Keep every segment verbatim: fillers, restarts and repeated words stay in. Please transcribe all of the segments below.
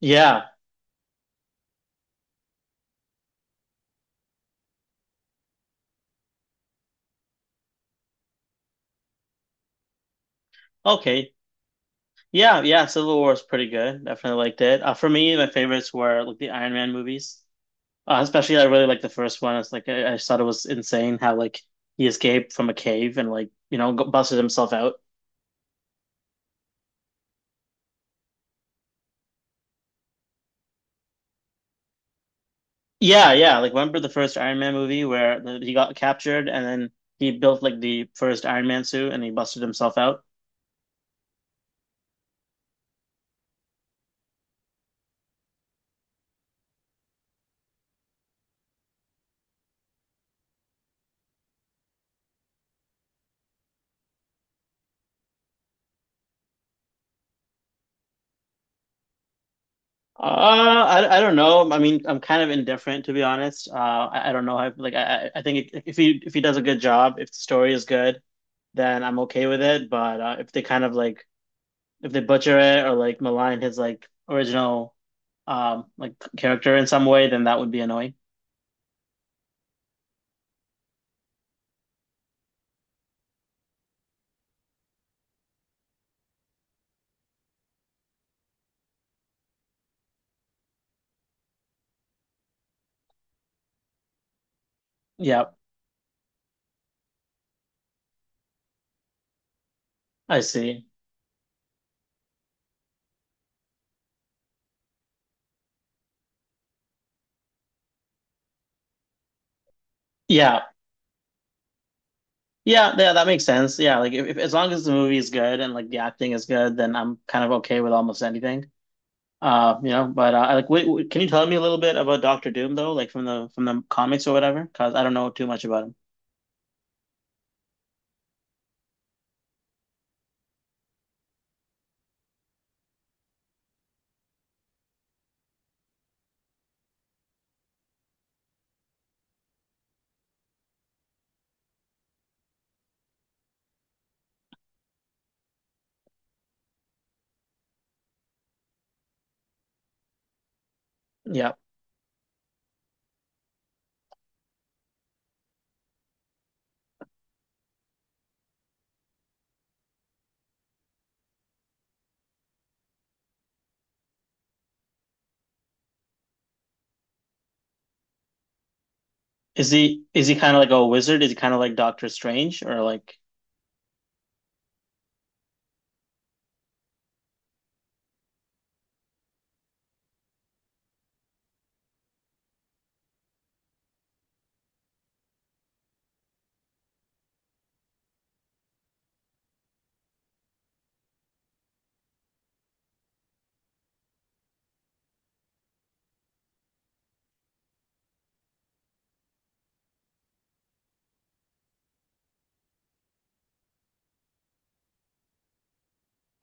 Yeah. Okay. Yeah. Yeah, Civil War is pretty good. Definitely liked it. Uh, for me, my favorites were like the Iron Man movies. Uh, especially, I really liked the first one. It's like I, I just thought it was insane how like he escaped from a cave and like you know go- busted himself out. Yeah. Yeah. Like remember the first Iron Man movie where the, he got captured and then he built like the first Iron Man suit and he busted himself out. Uh, I, I don't know. I mean, I'm kind of indifferent to be honest. Uh, I, I don't know. I like I I I think it, if he if he does a good job, if the story is good, then I'm okay with it. But uh, if they kind of like if they butcher it or like malign his like original um like character in some way, then that would be annoying. Yeah, I see. Yeah, yeah, yeah, that makes sense. Yeah, like if, if as long as the movie is good and like the acting is good, then I'm kind of okay with almost anything. Uh, you know, but uh, like, wait, wait, can you tell me a little bit about Doctor Doom though, like from the from the comics or whatever? Because I don't know too much about him. Yeah, is he is he kind of like a wizard? Is he kind of like Doctor Strange or like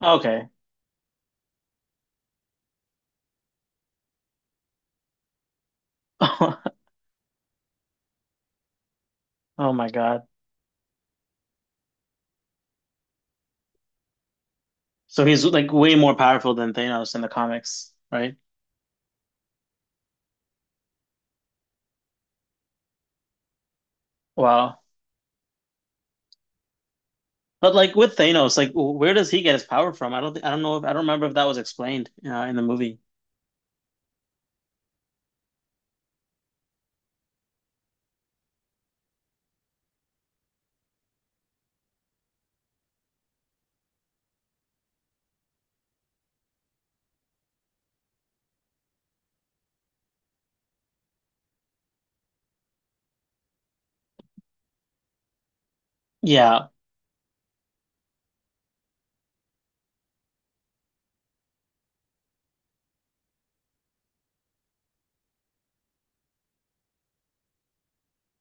okay? Oh my God! So he's like way more powerful than Thanos in the comics, right? Wow. But like with Thanos, like where does he get his power from? I don't think I don't know if I don't remember if that was explained uh, in the movie. Yeah.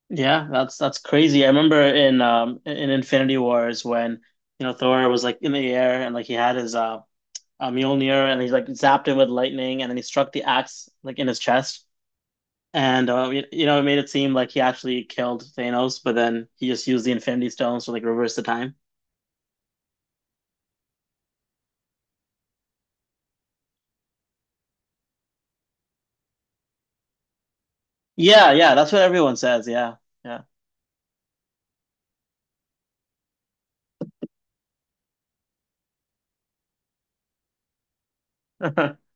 Yeah, that's that's crazy. I remember in um in Infinity Wars when you know Thor was like in the air and like he had his uh, uh Mjolnir and he's like zapped it with lightning and then he struck the axe like in his chest and uh, you, you know it made it seem like he actually killed Thanos but then he just used the Infinity Stones to like reverse the time. Yeah, yeah, that's what everyone says. Yeah, yeah.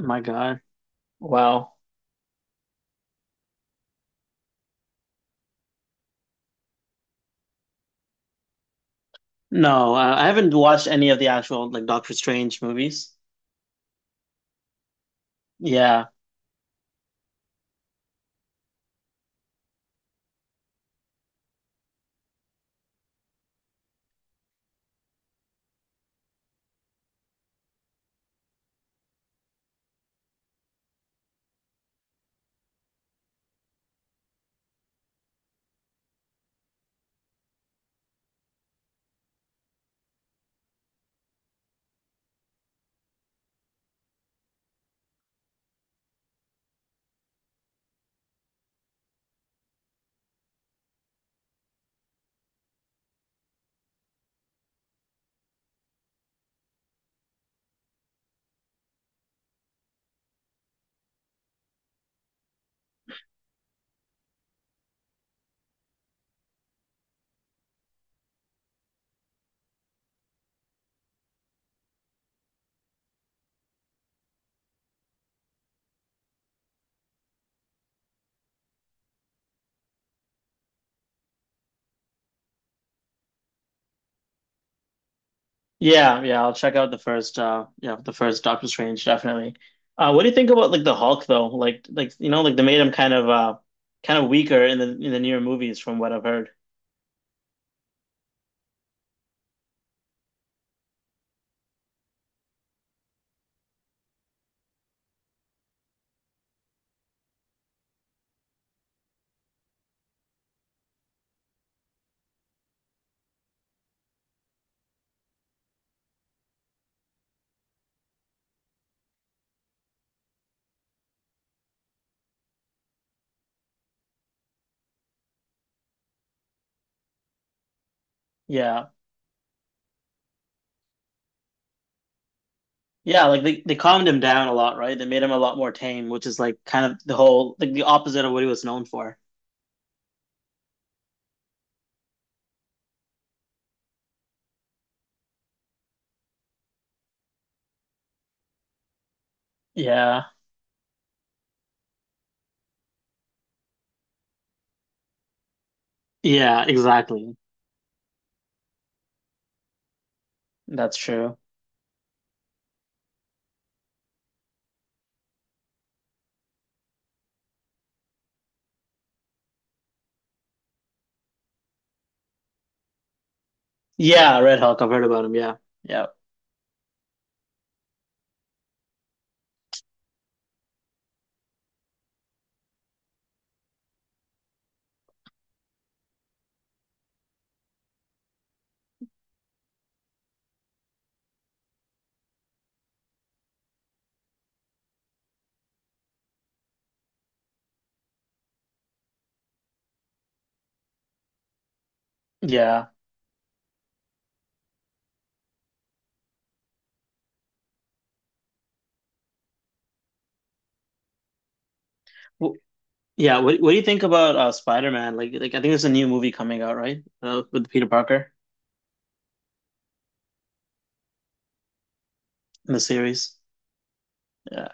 My God. Wow. No, I I haven't watched any of the actual like Doctor Strange movies. Yeah. Yeah, yeah, I'll check out the first uh yeah, the first Doctor Strange definitely. Uh what do you think about like the Hulk though? Like like you know, like they made him kind of uh kind of weaker in the in the newer movies from what I've heard. Yeah. Yeah, like they, they calmed him down a lot, right? They made him a lot more tame, which is like kind of the whole like the opposite of what he was known for. Yeah. Yeah, exactly. That's true. Yeah, Red Hulk, I've heard about him. Yeah. Yeah. Yeah. W Yeah, what what do you think about uh Spider-Man? Like like I think there's a new movie coming out, right? Uh, with Peter Parker in the series. Yeah,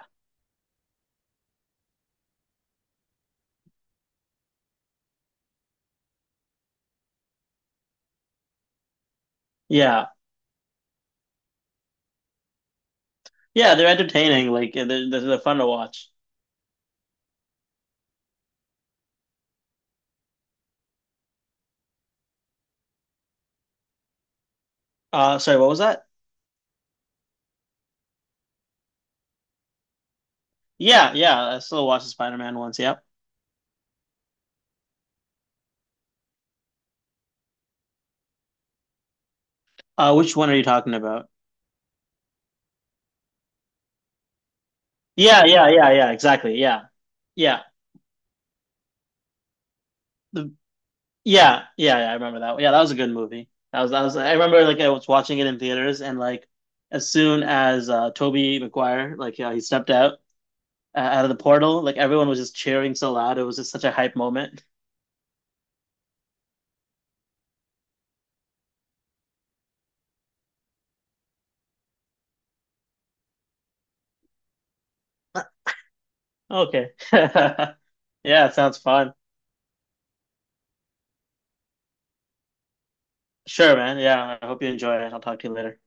yeah, yeah. They're entertaining. Like they're they're, they're fun to watch. Uh, sorry, what was that? Yeah, yeah. I still watched the Spider-Man ones. Yep. Uh, which one are you talking about? Yeah, yeah, yeah, yeah. Exactly. Yeah, yeah, the, yeah, yeah, yeah. I remember that. Yeah, that was a good movie. That was that was. I remember like I was watching it in theaters, and like as soon as uh, Toby Maguire like uh, he stepped out uh, out of the portal, like everyone was just cheering so loud. It was just such a hype moment. Okay. Yeah, it sounds fun. Sure, man. Yeah, I hope you enjoy it. I'll talk to you later.